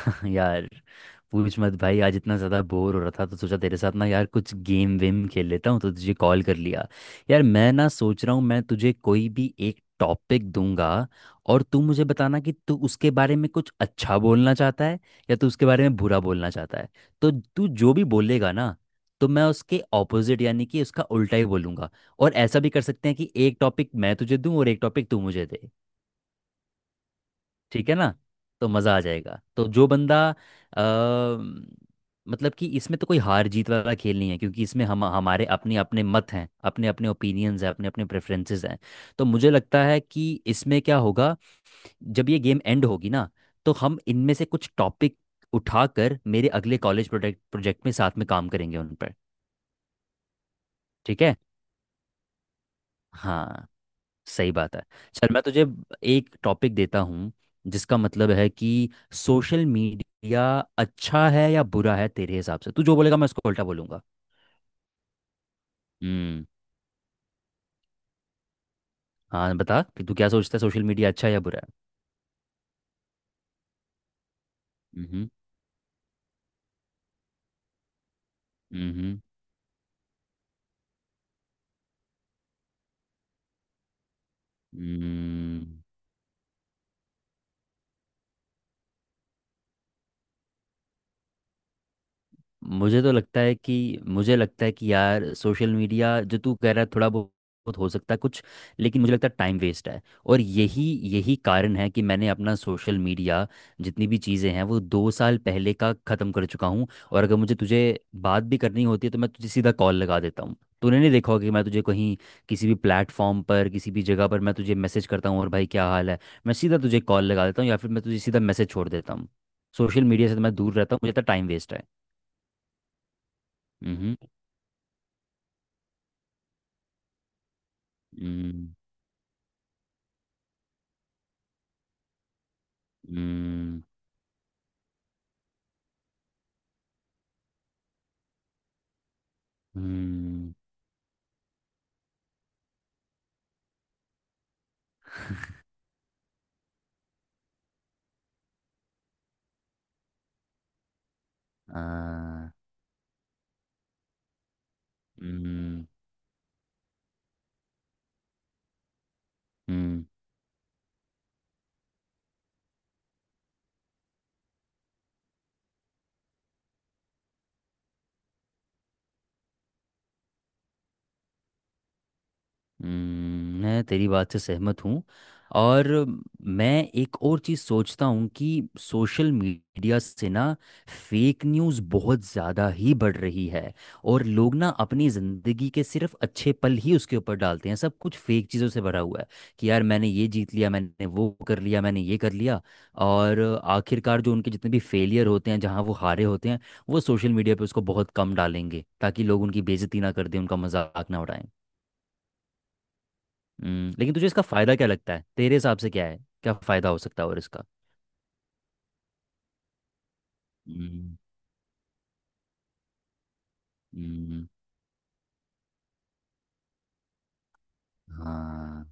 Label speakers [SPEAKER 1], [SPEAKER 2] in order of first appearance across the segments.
[SPEAKER 1] यार, पूछ मत भाई। आज इतना ज़्यादा बोर हो रहा था तो सोचा तेरे साथ ना यार कुछ गेम वेम खेल लेता हूँ तो तुझे कॉल कर लिया। यार मैं ना सोच रहा हूँ, मैं तुझे कोई भी एक टॉपिक दूंगा और तू मुझे बताना कि तू उसके बारे में कुछ अच्छा बोलना चाहता है या तू उसके बारे में बुरा बोलना चाहता है। तो तू जो भी बोलेगा ना, तो मैं उसके ऑपोजिट यानी कि उसका उल्टा ही बोलूंगा। और ऐसा भी कर सकते हैं कि एक टॉपिक मैं तुझे दूं और एक टॉपिक तू मुझे दे। ठीक है ना। तो मज़ा आ जाएगा। तो जो बंदा मतलब कि इसमें तो कोई हार जीत वाला खेल नहीं है क्योंकि इसमें हम हमारे अपने अपने मत हैं, अपने अपने ओपिनियंस हैं, अपने अपने प्रेफरेंसेस हैं। तो मुझे लगता है कि इसमें क्या होगा, जब ये गेम एंड होगी ना तो हम इनमें से कुछ टॉपिक उठाकर मेरे अगले कॉलेज प्रोजेक्ट प्रोजेक्ट में साथ में काम करेंगे उन पर। ठीक है। हाँ, सही बात है। चल, मैं तुझे एक टॉपिक देता हूँ जिसका मतलब है कि सोशल मीडिया अच्छा है या बुरा है। तेरे हिसाब से तू जो बोलेगा मैं उसको उल्टा बोलूंगा। हम्म। हाँ, बता कि तू क्या सोचता है, सोशल मीडिया अच्छा है या बुरा है। हम्म। हम्म। हम्म मुझे तो लगता है कि मुझे लगता है कि यार सोशल मीडिया जो तू कह रहा है थोड़ा बहुत बहुत हो सकता है कुछ, लेकिन मुझे लगता है टाइम वेस्ट है। और यही यही कारण है कि मैंने अपना सोशल मीडिया, जितनी भी चीज़ें हैं, वो दो साल पहले का ख़त्म कर चुका हूँ। और अगर मुझे तुझे बात भी करनी होती है तो मैं तुझे सीधा कॉल लगा देता हूँ। तूने नहीं देखा होगा कि मैं तुझे कहीं किसी भी प्लेटफॉर्म पर किसी भी जगह पर मैं तुझे मैसेज करता हूँ और भाई क्या हाल है, मैं सीधा तुझे कॉल लगा देता हूँ या फिर मैं तुझे सीधा मैसेज छोड़ देता हूँ। सोशल मीडिया से तो मैं दूर रहता हूँ, मुझे तो टाइम वेस्ट है। मम्हम्म। 음, 음, 음, 아, 음, 음. मैं तेरी बात से सहमत हूँ। और मैं एक और चीज़ सोचता हूँ कि सोशल मीडिया से ना फेक न्यूज़ बहुत ज़्यादा ही बढ़ रही है। और लोग ना अपनी ज़िंदगी के सिर्फ अच्छे पल ही उसके ऊपर डालते हैं, सब कुछ फेक चीज़ों से भरा हुआ है कि यार मैंने ये जीत लिया, मैंने वो कर लिया, मैंने ये कर लिया। और आखिरकार जो उनके जितने भी फेलियर होते हैं, जहाँ वो हारे होते हैं, वो सोशल मीडिया पे उसको बहुत कम डालेंगे ताकि लोग उनकी बेइज्जती ना कर दें, उनका मजाक ना उड़ाएं। लेकिन तुझे इसका फायदा क्या लगता है, तेरे हिसाब से क्या है, क्या फायदा हो सकता है और इसका। हम्म। हम्म। हाँ।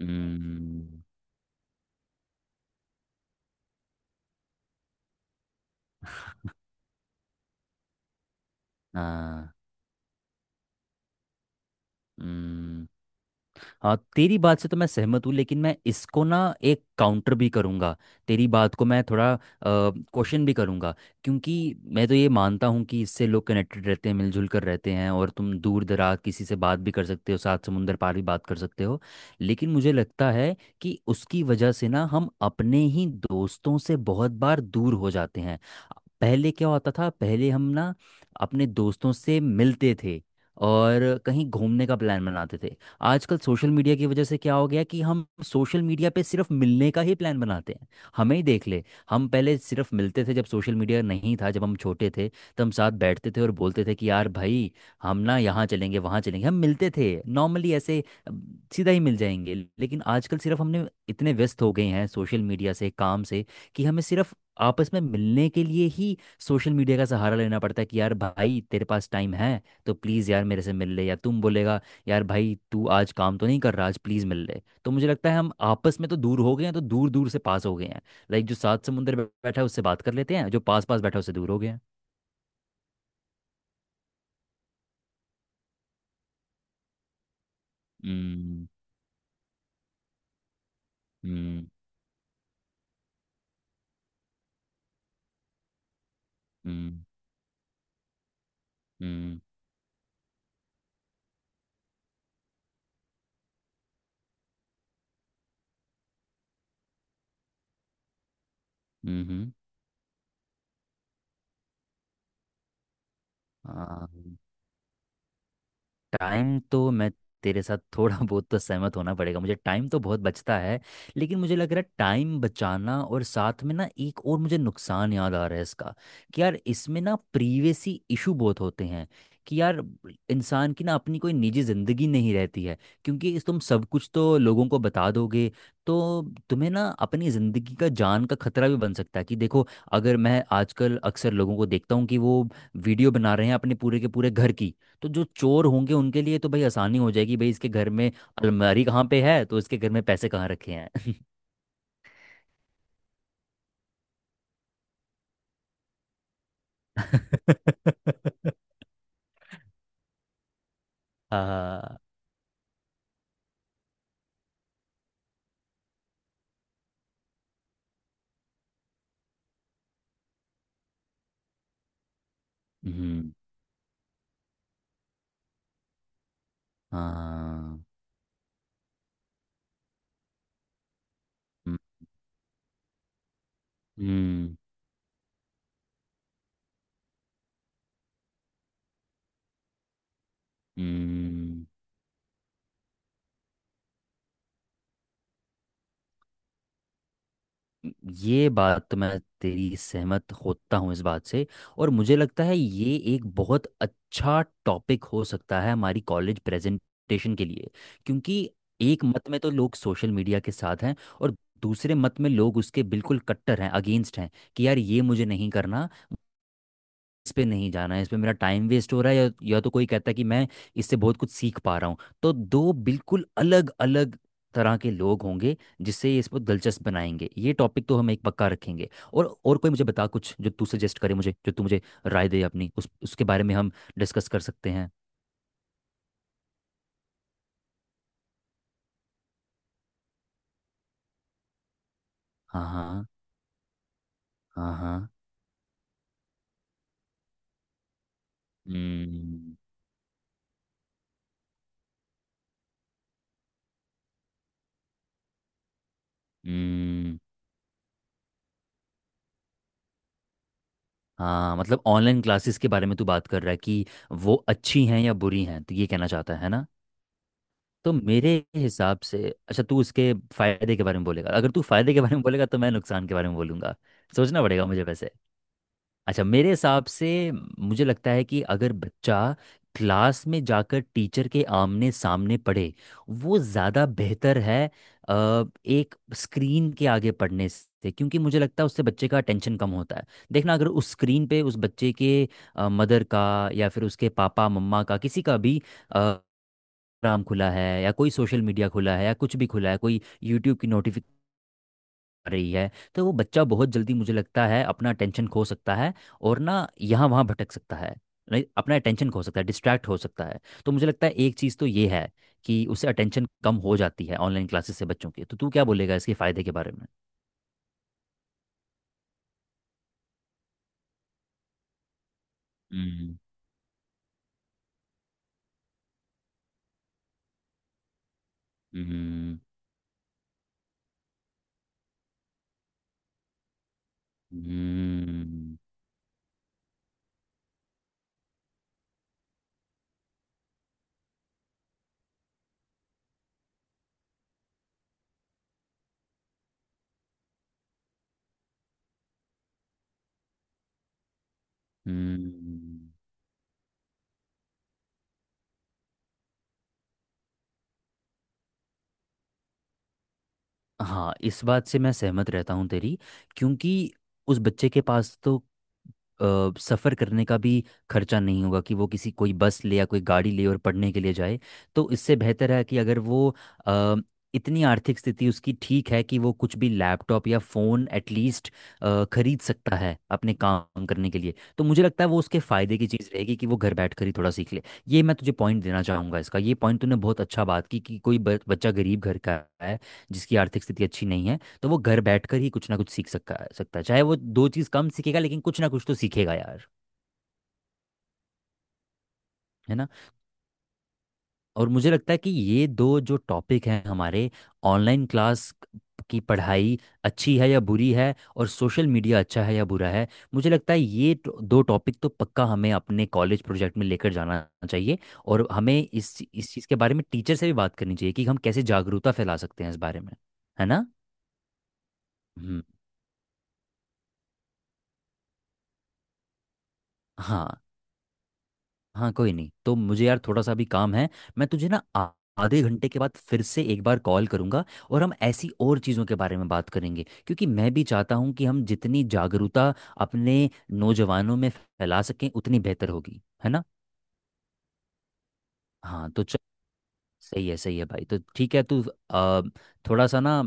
[SPEAKER 1] हम्म। हाँ। हम्म। हाँ, तेरी बात से तो मैं सहमत हूँ लेकिन मैं इसको ना एक काउंटर भी करूँगा, तेरी बात को मैं थोड़ा क्वेश्चन भी करूँगा। क्योंकि मैं तो ये मानता हूँ कि इससे लोग कनेक्टेड रहते हैं, मिलजुल कर रहते हैं और तुम दूर दराज किसी से बात भी कर सकते हो, सात समुंदर पार भी बात कर सकते हो। लेकिन मुझे लगता है कि उसकी वजह से ना हम अपने ही दोस्तों से बहुत बार दूर हो जाते हैं। पहले क्या होता था, पहले हम ना अपने दोस्तों से मिलते थे और कहीं घूमने का प्लान बनाते थे। आजकल सोशल मीडिया की वजह से क्या हो गया कि हम सोशल मीडिया पे सिर्फ मिलने का ही प्लान बनाते हैं। हमें ही देख ले, हम पहले सिर्फ मिलते थे, जब सोशल मीडिया नहीं था, जब हम छोटे थे, तो हम साथ बैठते थे और बोलते थे कि यार भाई हम ना यहाँ चलेंगे, वहाँ चलेंगे। हम मिलते थे नॉर्मली ऐसे अ, सीधा ही मिल जाएंगे। लेकिन आजकल सिर्फ हमने इतने व्यस्त हो गए हैं सोशल मीडिया से, काम से कि हमें सिर्फ आपस में मिलने के लिए ही सोशल मीडिया का सहारा लेना पड़ता है कि यार भाई तेरे पास टाइम है तो प्लीज़ यार मेरे से मिल ले, या तुम बोलेगा यार भाई तू आज काम तो नहीं कर रहा, आज प्लीज़ मिल ले। तो मुझे लगता है हम आपस में तो दूर हो गए हैं तो दूर दूर से पास हो गए हैं। लाइक जो सात समुंदर बैठा है उससे बात कर लेते हैं, जो पास पास बैठा है उससे दूर हो गए हैं। हम्म। हम्म। हम्म। हम्म। हम्म, हाँ, टाइम तो मैं तेरे साथ थोड़ा बहुत तो सहमत होना पड़ेगा मुझे, टाइम तो बहुत बचता है। लेकिन मुझे लग रहा है टाइम बचाना और साथ में ना एक और मुझे नुकसान याद आ रहा है इसका कि यार इसमें ना प्रीवेसी इशू बहुत होते हैं कि यार इंसान की ना अपनी कोई निजी ज़िंदगी नहीं रहती है क्योंकि इस तुम सब कुछ तो लोगों को बता दोगे तो तुम्हें ना अपनी ज़िंदगी का, जान का खतरा भी बन सकता है कि देखो, अगर मैं आजकल अक्सर लोगों को देखता हूँ कि वो वीडियो बना रहे हैं अपने पूरे के पूरे घर की, तो जो चोर होंगे उनके लिए तो भाई आसानी हो जाएगी, भाई इसके घर में अलमारी कहाँ पे है, तो इसके घर में पैसे कहाँ रखे हैं। हाँ। हम्म। हाँ। हम्म। हम्म, हम्म, ये बात तो मैं तेरी सहमत होता हूँ इस बात से। और मुझे लगता है ये एक बहुत अच्छा टॉपिक हो सकता है हमारी कॉलेज प्रेजेंटेशन के लिए क्योंकि एक मत में तो लोग सोशल मीडिया के साथ हैं और दूसरे मत में लोग उसके बिल्कुल कट्टर हैं, अगेंस्ट हैं कि यार ये मुझे नहीं करना, इस पे नहीं जाना है, इस पे मेरा टाइम वेस्ट हो रहा है, या तो कोई कहता है कि मैं इससे बहुत कुछ सीख पा रहा हूँ। तो दो बिल्कुल अलग अलग तरह के लोग होंगे जिससे ये इसको दिलचस्प बनाएंगे। ये टॉपिक तो हम एक पक्का रखेंगे। और कोई मुझे बता कुछ, जो तू सजेस्ट करे मुझे, जो तू मुझे राय दे अपनी, उस उसके बारे में हम डिस्कस कर सकते हैं। हाँ, हाँ। हाँ, हाँ। हम्म। हम्म। हाँ, मतलब ऑनलाइन क्लासेस के बारे में तू बात कर रहा है कि वो अच्छी हैं या बुरी हैं, तो ये कहना चाहता है ना। तो मेरे हिसाब से, अच्छा, तू उसके फायदे के बारे में बोलेगा, अगर तू फायदे के बारे में बोलेगा तो मैं नुकसान के बारे में बोलूंगा। सोचना पड़ेगा मुझे वैसे। अच्छा, मेरे हिसाब से मुझे लगता है कि अगर बच्चा क्लास में जाकर टीचर के आमने सामने पढ़े, वो ज़्यादा बेहतर है एक स्क्रीन के आगे पढ़ने से। क्योंकि मुझे लगता है उससे बच्चे का टेंशन कम होता है। देखना, अगर उस स्क्रीन पे उस बच्चे के मदर का या फिर उसके पापा मम्मा का किसी का भी इंस्टाग्राम खुला है या कोई सोशल मीडिया खुला है या कुछ भी खुला है, कोई यूट्यूब की नोटिफिकेशन आ रही है, तो वो बच्चा बहुत जल्दी मुझे लगता है अपना अटेंशन खो सकता है और ना यहाँ वहाँ भटक सकता है, नहीं अपना अटेंशन खो सकता है, डिस्ट्रैक्ट हो सकता है। तो मुझे लगता है एक चीज़ तो ये है कि उससे अटेंशन कम हो जाती है ऑनलाइन क्लासेस से बच्चों की। तो तू क्या बोलेगा इसके फ़ायदे के बारे में। हम्म। हम्म। हम्म। हम्म। हम्म। हाँ, इस बात से मैं सहमत रहता हूँ तेरी क्योंकि उस बच्चे के पास तो सफ़र करने का भी खर्चा नहीं होगा कि वो किसी कोई बस ले या कोई गाड़ी ले और पढ़ने के लिए जाए। तो इससे बेहतर है कि अगर वो अ, इतनी आर्थिक स्थिति उसकी ठीक है कि वो कुछ भी लैपटॉप या फ़ोन एटलीस्ट खरीद सकता है अपने काम करने के लिए तो मुझे लगता है वो उसके फ़ायदे की चीज़ रहेगी कि वो घर बैठ कर ही थोड़ा सीख ले। ये मैं तुझे पॉइंट देना चाहूँगा इसका। ये पॉइंट तूने बहुत अच्छा बात की कि कोई बच्चा गरीब घर का है, जिसकी आर्थिक स्थिति अच्छी नहीं है, तो वो घर बैठकर ही कुछ ना कुछ सीख सका सकता है। चाहे वो दो चीज़ कम सीखेगा लेकिन कुछ ना कुछ तो सीखेगा यार। है ना। और मुझे लगता है कि ये दो जो टॉपिक हैं हमारे, ऑनलाइन क्लास की पढ़ाई अच्छी है या बुरी है और सोशल मीडिया अच्छा है या बुरा है, मुझे लगता है ये दो टॉपिक तो पक्का हमें अपने कॉलेज प्रोजेक्ट में लेकर जाना चाहिए। और हमें इस चीज़ के बारे में टीचर से भी बात करनी चाहिए कि हम कैसे जागरूकता फैला सकते हैं इस बारे में। है ना। हम्म। हाँ। हाँ, कोई नहीं, तो मुझे यार थोड़ा सा भी काम है, मैं तुझे ना आधे घंटे के बाद फिर से एक बार कॉल करूंगा और हम ऐसी और चीज़ों के बारे में बात करेंगे क्योंकि मैं भी चाहता हूँ कि हम जितनी जागरूकता अपने नौजवानों में फैला सकें उतनी बेहतर होगी। है ना। हाँ, तो चल, सही है, सही है भाई, तो ठीक है तू आ, थोड़ा सा ना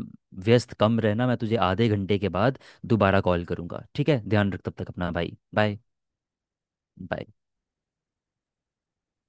[SPEAKER 1] व्यस्त कम रहना, मैं तुझे आधे घंटे के बाद दोबारा कॉल करूंगा। ठीक है, ध्यान रख तब तक अपना, भाई बाय। बाय।